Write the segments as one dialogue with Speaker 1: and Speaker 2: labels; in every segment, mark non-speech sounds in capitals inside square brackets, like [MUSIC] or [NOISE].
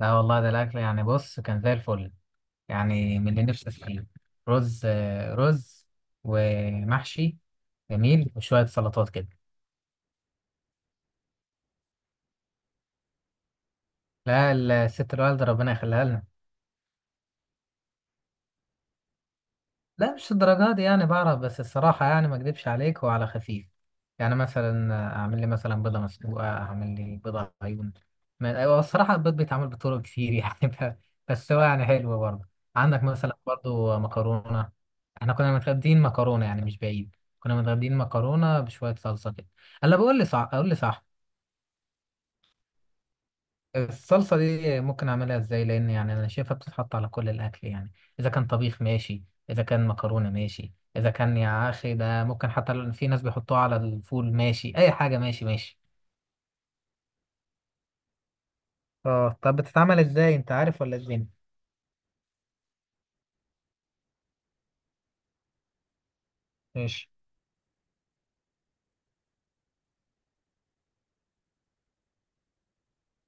Speaker 1: لا والله، ده الأكل يعني بص كان زي الفل. يعني من اللي نفسي فيه. رز، رز ومحشي جميل وشوية سلطات كده. لا، الست الوالدة ربنا يخليها لنا. لا مش الدرجات دي، يعني بعرف بس الصراحة يعني ما اكدبش عليك هو على خفيف. يعني مثلا اعمل لي مثلا بيضة مسلوقة، اعمل لي بيضة عيون. هو الصراحة البيض بيتعمل بطرق كتير يعني [LAUGHS] بس هو يعني حلو برضه. عندك مثلا برضه مكرونة. احنا كنا متغدين مكرونة، يعني مش بعيد كنا متغدين مكرونة بشوية صلصة كده. هلا بقول لي صح، اقول لي صح. الصلصة دي ممكن أعملها إزاي؟ لأن يعني أنا شايفها بتتحط على كل الأكل يعني. إذا كان طبيخ ماشي، إذا كان مكرونة ماشي، إذا كان يا أخي ده ممكن حتى في ناس بيحطوها على الفول ماشي، أي حاجة ماشي ماشي. اه طب بتتعمل إزاي، أنت عارف ولا إزاي؟ ماشي.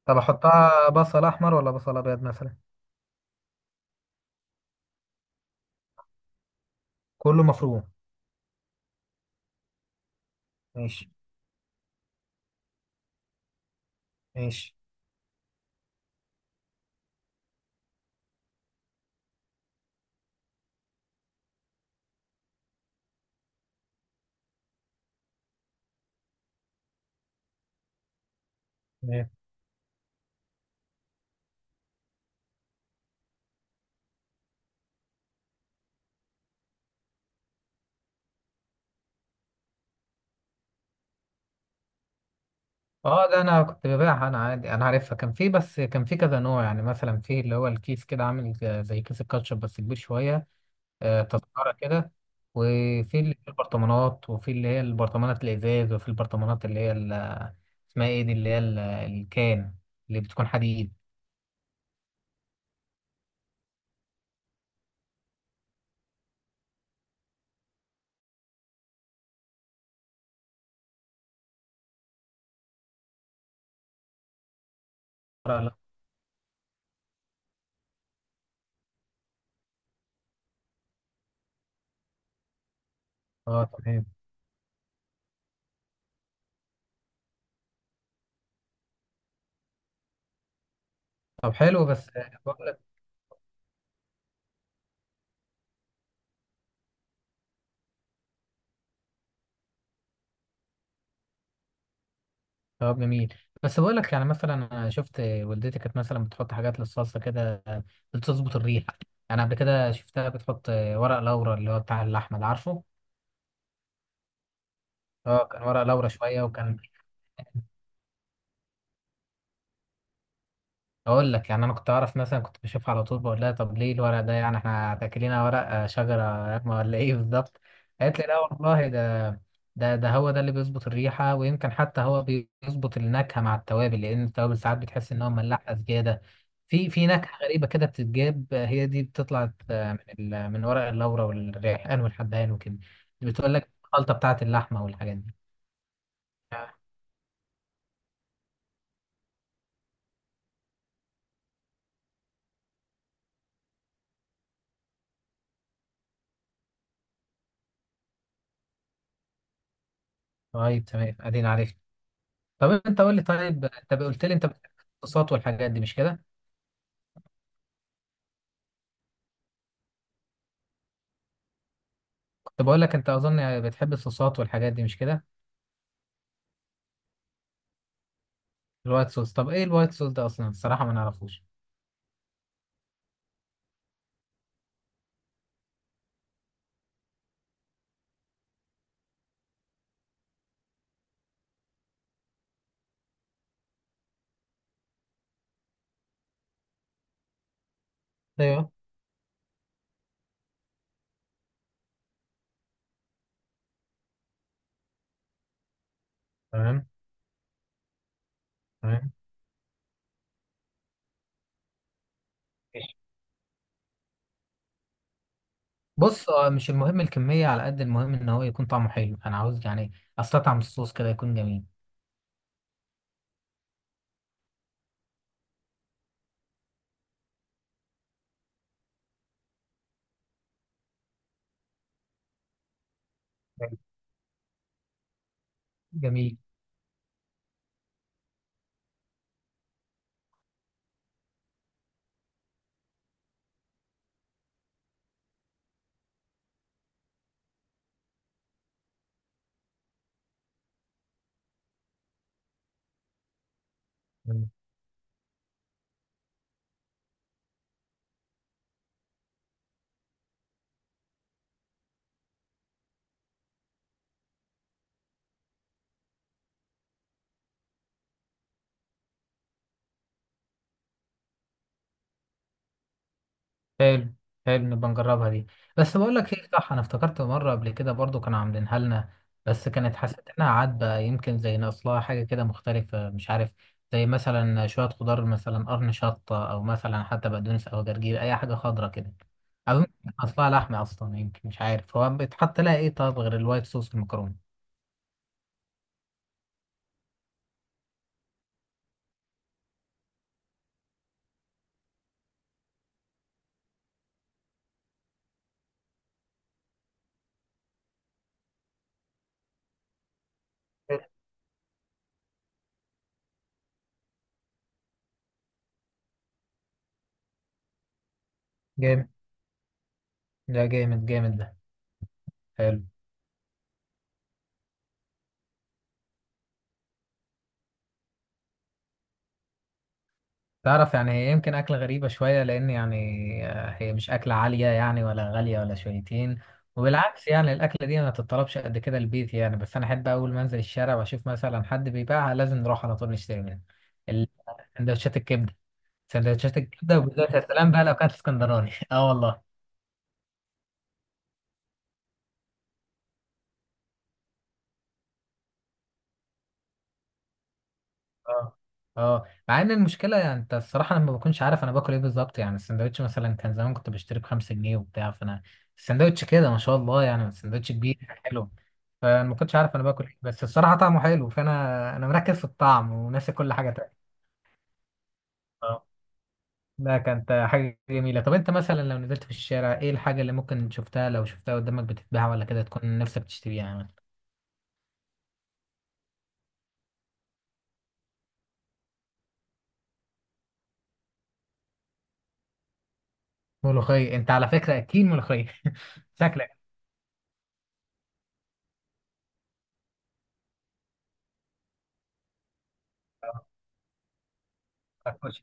Speaker 1: طب أحطها بصل أحمر ولا بصل أبيض مثلا؟ كله مفروم. ماشي ماشي. تمام. اه ده انا كنت ببيعها انا عادي، انا عارفها، كان في كذا نوع، يعني مثلا في اللي هو الكيس كده عامل زي كيس الكاتشب بس كبير شويه. تذكرة كده. وفي اللي في البرطمانات، وفي اللي هي البرطمانات الإزاز، وفي البرطمانات اللي هي اسمها إيه دي اللي هي الكان، اللي بتكون حديد. لا لا. اه تمام. طب حلو، بس بقول لك. طب جميل، بس بقول لك يعني مثلا أنا شفت والدتي كانت مثلا بتحط حاجات للصلصة كده، بتظبط الريحة. أنا قبل كده شفتها بتحط ورق لورا، اللي هو بتاع اللحمة اللي عارفه. اه كان ورق لورا شوية، وكان. اقول لك، يعني انا كنت اعرف، مثلا كنت بشوفها على طول بقول لها طب ليه الورق ده، يعني احنا تاكلينها ورق، شجره راكمه ولا ايه بالظبط؟ قالت لي لا والله، ده ده هو ده اللي بيظبط الريحه، ويمكن حتى هو بيظبط النكهه مع التوابل، لان التوابل ساعات بتحس ان هو ملاحه زياده، في نكهه غريبه كده بتتجاب، هي دي بتطلع من من ورق اللورا والريحان والحبهان وكده. بتقول لك الخلطه بتاعه اللحمه والحاجات دي. آه، طيب تمام ادينا عارف. طب انت قول لي، طيب انت قلت لي انت بتحب الصوصات والحاجات دي مش كده. كنت بقول لك انت اظن بتحب الصوصات والحاجات دي مش كده. الوايت صوص، طب ايه الوايت صوص ده اصلا؟ الصراحه ما نعرفوش. ايوه. تمام. تمام. ماشي. بص اه، مش المهم الكميه على قد المهم ان هو يكون طعمه حلو، انا عاوز يعني استطعم الصوص كده يكون جميل. جميل. جميل. حلو. حلو، نبقى نجربها دي. بس بقول لك ايه، صح، انا افتكرت مره قبل كده برضو كانوا عاملينها لنا، بس كانت حسيت انها عدبه، يمكن زي ناقص لها حاجه كده مختلفه مش عارف، زي مثلا شويه خضار، مثلا قرن شطه، او مثلا حتى بقدونس او جرجير، اي حاجه خضرا كده. او يمكن ناقص لها لحمه اصلا، يمكن مش عارف هو بيتحط لها ايه، طب غير الوايت صوص المكرونه؟ حلو. جامد، ده جامد جامد ده. حلو. تعرف يعني هي يمكن أكلة غريبة شوية، لأن يعني هي مش أكلة عالية يعني، ولا غالية ولا شويتين. وبالعكس يعني الأكلة دي ما تتطلبش قد كده البيت يعني، بس أنا أحب أول ما أنزل الشارع وأشوف مثلا حد بيبيعها لازم نروح على طول نشتري منها. ال- سندوتشات الكبدة. سندوتشات الكبدة، وبالذات يا سلام بقى لو كانت اسكندراني [LAUGHS] أه والله. اه. اه مع ان المشكله، يعني انت الصراحه انا ما بكونش عارف انا باكل ايه بالظبط، يعني السندوتش مثلا كان زمان كنت بشتري ب5 جنيه وبتاع، فانا السندوتش كده ما شاء الله يعني، السندوتش كبير حلو، فانا ما كنتش عارف انا باكل ايه، بس الصراحه طعمه حلو، فانا انا مركز في الطعم وناسي كل حاجه تانية. اه، ده كانت حاجه جميله. طب انت مثلا لو نزلت في الشارع، ايه الحاجه اللي ممكن شفتها لو شفتها قدامك بتتباع ولا كده تكون نفسك تشتريها يعني؟ ملوخيه، انت على فكره اكيد ملوخيه [LAUGHS] شكلك. هتخش-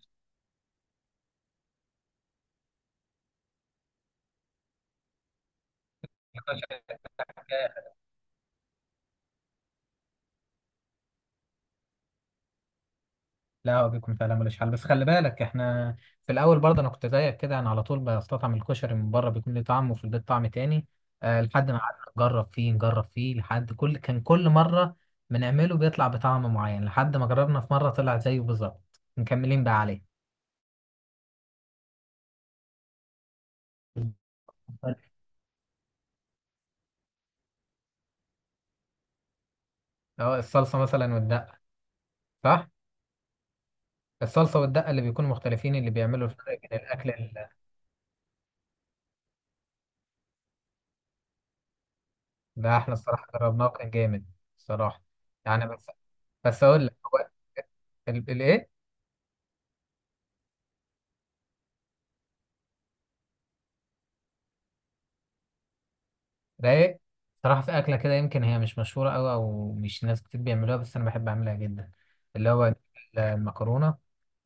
Speaker 1: هتخش. لا هو بيكون فعلا ملوش حل، بس خلي بالك احنا في الاول برضه انا كنت زيك كده، انا على طول بستطعم الكشري من بره بيكون ليه طعم وفي البيت طعم تاني. أه لحد ما قعدنا نجرب فيه، لحد كل مره بنعمله بيطلع بطعم معين، لحد ما جربنا في مره طلع زيه بالظبط، مكملين بقى عليه. اه الصلصه مثلا والدقه، صح. الصلصه والدقه اللي بيكونوا مختلفين، اللي بيعملوا الفرق بين الاكل ده احنا الصراحه جربناه وكان جامد الصراحه. يعني بس. اقول لك، هو الايه. رايق. صراحة في أكلة كده يمكن هي مش مشهورة أوي، أو مش ناس كتير بيعملوها، بس أنا بحب أعملها جدا. اللي هو المكرونة.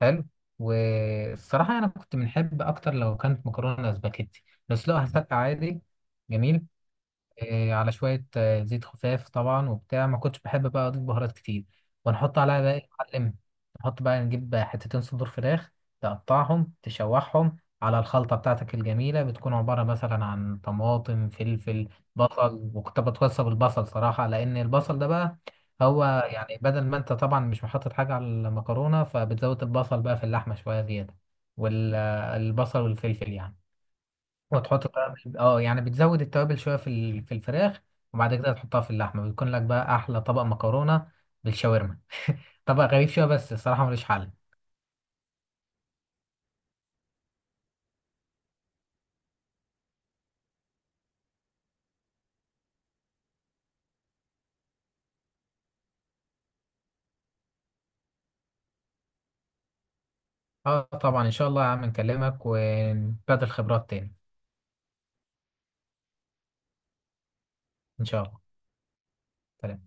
Speaker 1: حلو. والصراحة أنا كنت بنحب أكتر لو كانت مكرونة سباكيتي، بس لو هسلق عادي. جميل. إيه، على شوية زيت خفاف طبعا وبتاع، ما كنتش بحب بقى أضيف بهارات كتير. ونحط عليها بقى إيه يا معلم، نحط بقى، نجيب بقى حتتين صدور فراخ، تقطعهم تشوحهم على الخلطة بتاعتك الجميلة، بتكون عبارة مثلا عن طماطم، فلفل، بصل. وكنت بتوصى بالبصل صراحة، لأن البصل ده بقى هو يعني بدل ما أنت طبعا مش محطط حاجة على المكرونة، فبتزود البصل بقى في اللحمة شوية زيادة، والبصل والفلفل يعني. وتحط توابل، اه يعني بتزود التوابل شويه في في الفراخ، وبعد كده تحطها في اللحمه، بيكون لك بقى احلى طبق مكرونه بالشاورما. طبق غريب شويه بس الصراحه ملوش حل. اه طبعا ان شاء الله يا عم، نكلمك ونبادل خبرات تاني. ان شاء الله. سلام.